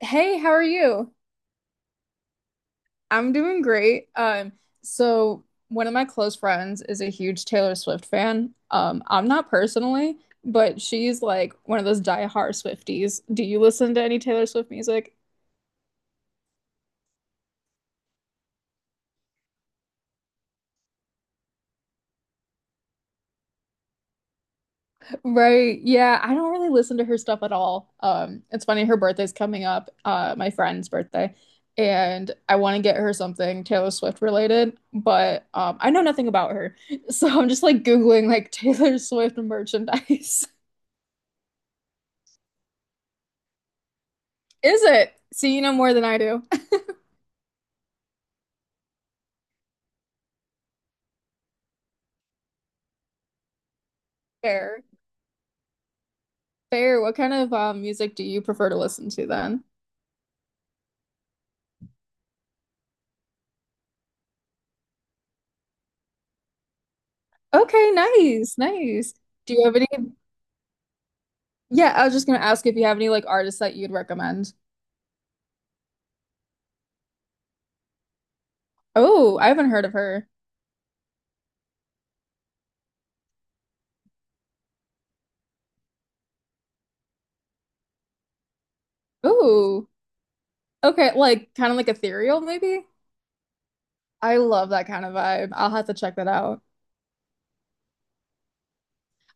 Hey, how are you? I'm doing great. So one of my close friends is a huge Taylor Swift fan. I'm not personally, but she's like one of those die-hard Swifties. Do you listen to any Taylor Swift music? Right. Yeah, I don't really listen to her stuff at all. It's funny, her birthday's coming up, my friend's birthday, and I want to get her something Taylor Swift related, but I know nothing about her. So I'm just like Googling like Taylor Swift merchandise. Is it? So you know more than I do. Fair. Fair. What kind of music do you prefer to listen to then? Okay, nice, nice. Do you have any? Yeah, I was just gonna ask if you have any like artists that you'd recommend. Oh, I haven't heard of her. Oh, okay, like kind of like ethereal maybe. I love that kind of vibe. I'll have to check that out.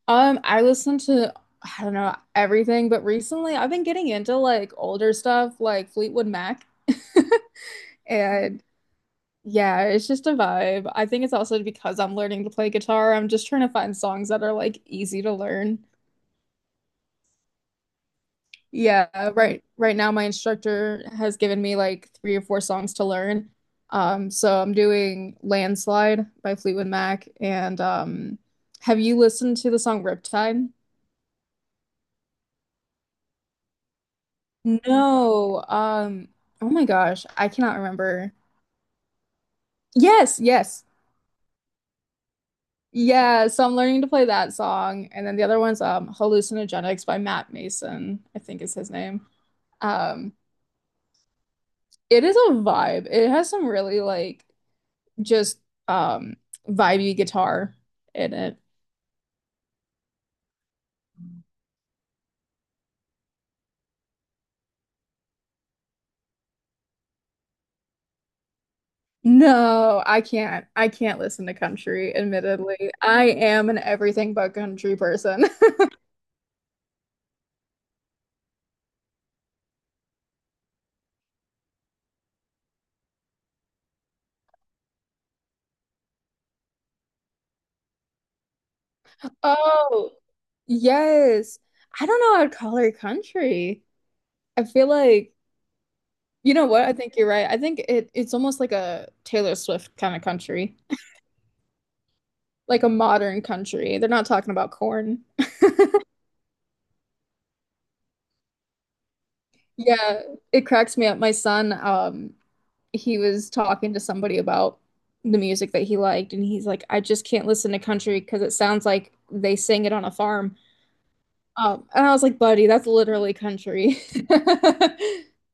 I listen to I don't know everything, but recently I've been getting into like older stuff like Fleetwood Mac. And yeah, it's just a vibe. I think it's also because I'm learning to play guitar. I'm just trying to find songs that are like easy to learn. Yeah, right. Right now my instructor has given me like three or four songs to learn. So I'm doing Landslide by Fleetwood Mac and have you listened to the song Riptide? No. Oh my gosh, I cannot remember. Yes, yes. Yeah, so I'm learning to play that song. And then the other one's Hallucinogenics by Matt Mason, I think is his name. Um it is a vibe. It has some really like just um vibey guitar in it. No, I can't. I can't listen to country, admittedly. I am an everything but country person. Oh, yes. I don't know. I'd call her country. I feel like you know what? I think you're right. I think it's almost like a Taylor Swift kind of country, like a modern country. They're not talking about corn. Yeah, it cracks me up. My son, he was talking to somebody about the music that he liked, and he's like, "I just can't listen to country because it sounds like they sing it on a farm." And I was like, "Buddy, that's literally country."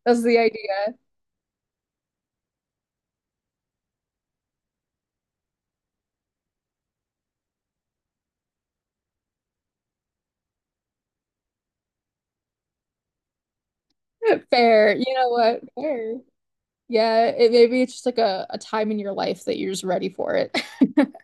That's the idea. Fair. You know what? Fair. Yeah, it maybe it's just like a time in your life that you're just ready for it.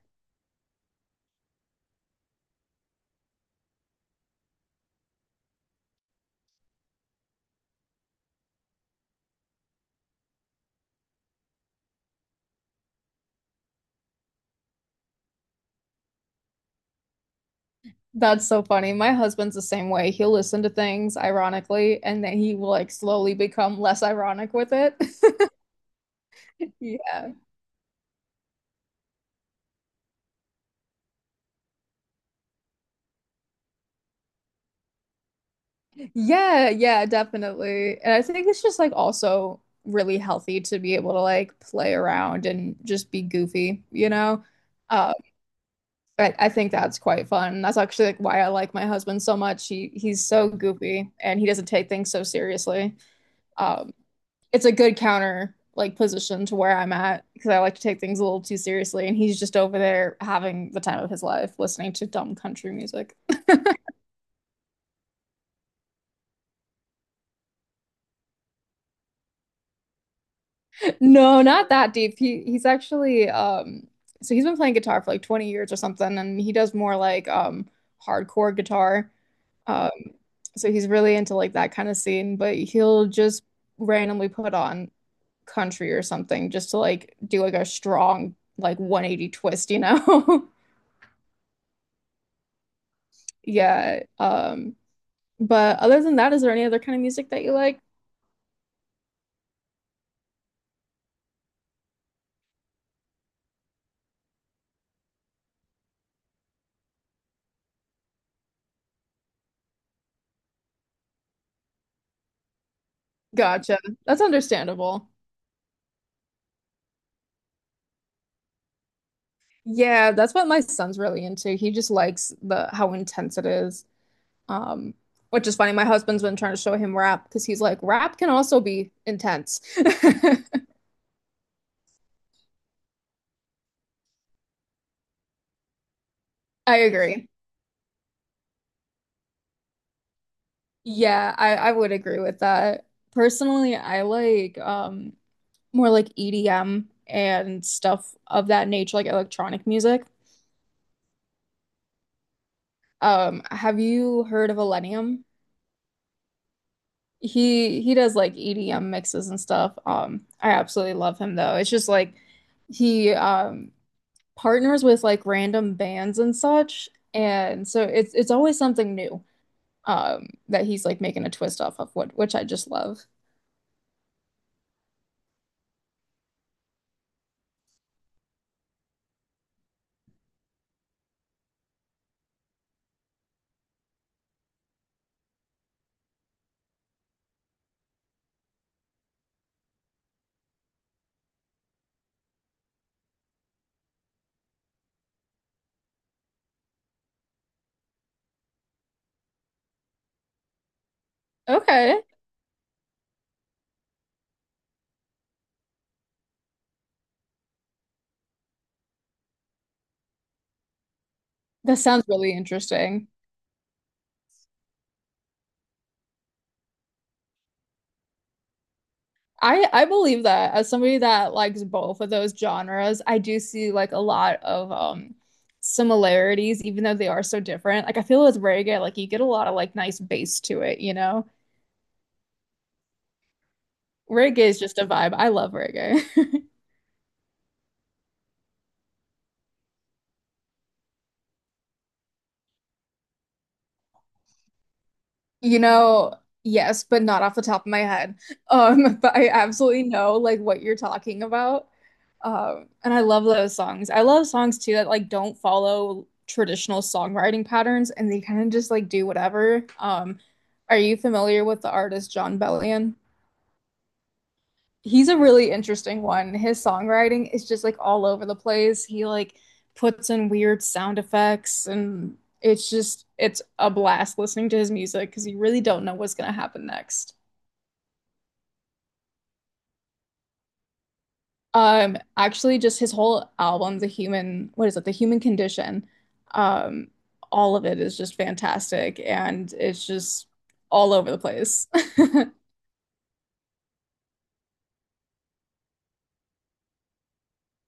That's so funny. My husband's the same way. He'll listen to things ironically, and then he will like slowly become less ironic with it. Yeah. Yeah, yeah, definitely. And I think it's just like also really healthy to be able to like play around and just be goofy. Uh, I think that's quite fun. That's actually like why I like my husband so much. He's so goofy and he doesn't take things so seriously. Um, it's a good counter like position to where I'm at because I like to take things a little too seriously. And he's just over there having the time of his life listening to dumb country music. No, not that deep. He's actually so he's been playing guitar for like 20 years or something, and he does more like hardcore guitar. Um so he's really into like that kind of scene, but he'll just randomly put on country or something just to like do like a strong like 180 twist. Yeah. But other than that, is there any other kind of music that you like? Gotcha. That's understandable. Yeah, that's what my son's really into. He just likes the how intense it is. Um, which is funny. My husband's been trying to show him rap because he's like, rap can also be intense. I agree. I would agree with that. Personally, I like more like EDM and stuff of that nature, like electronic music. Have you heard of Millennium? He does like EDM mixes and stuff. I absolutely love him though. It's just like he partners with like random bands and such, and so it's always something new that he's like making a twist off of what which I just love. Okay. That sounds really interesting. I believe that as somebody that likes both of those genres, I do see like a lot of similarities, even though they are so different. Like I feel with reggae, like you get a lot of like nice bass to it. Reggae is just a vibe. I love reggae. You know, yes, but not off the top of my head. But I absolutely know like what you're talking about. And I love those songs. I love songs too that like don't follow traditional songwriting patterns and they kind of just like do whatever. Are you familiar with the artist John Bellion? He's a really interesting one. His songwriting is just like all over the place. He like puts in weird sound effects and it's just it's a blast listening to his music because you really don't know what's gonna happen next. Actually just his whole album, The Human what is it, The Human Condition, um, all of it is just fantastic and it's just all over the place.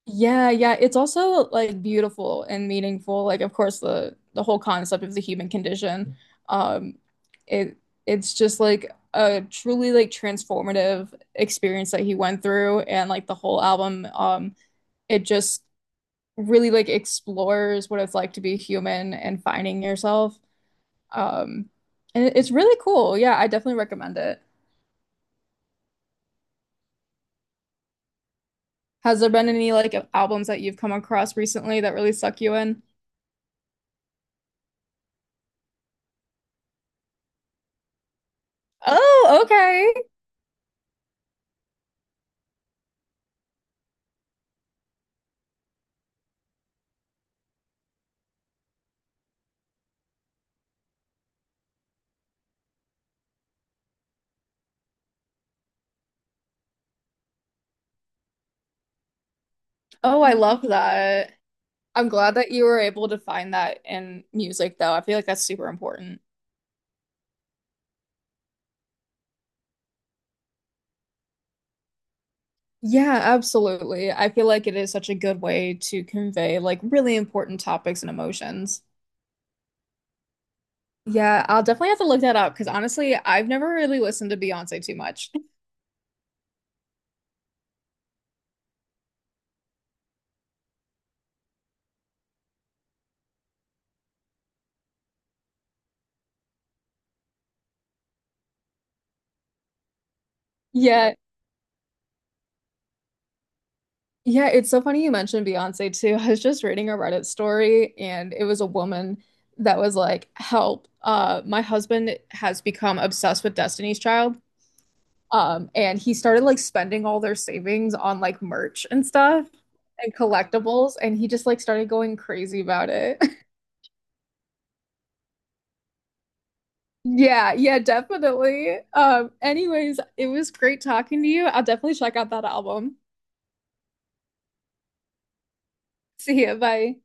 Yeah, yeah, it's also like beautiful and meaningful. Like, of course, the whole concept of the human condition, um, it it's just like a truly like transformative experience that he went through, and like the whole album, it just really like explores what it's like to be human and finding yourself. Um, and it's really cool. Yeah, I definitely recommend it. Has there been any like albums that you've come across recently that really suck you in? Oh, okay. Oh, I love that. I'm glad that you were able to find that in music, though. I feel like that's super important. Yeah, absolutely. I feel like it is such a good way to convey like really important topics and emotions. Yeah, I'll definitely have to look that up because honestly, I've never really listened to Beyonce too much. Yeah, yeah, it's so funny you mentioned Beyonce too. I was just reading a Reddit story and it was a woman that was like, "Help, my husband has become obsessed with Destiny's Child." And he started like spending all their savings on like merch and stuff and collectibles, and he just like started going crazy about it. Yeah, yeah, definitely. Anyways, it was great talking to you. I'll definitely check out that album. See you. Bye.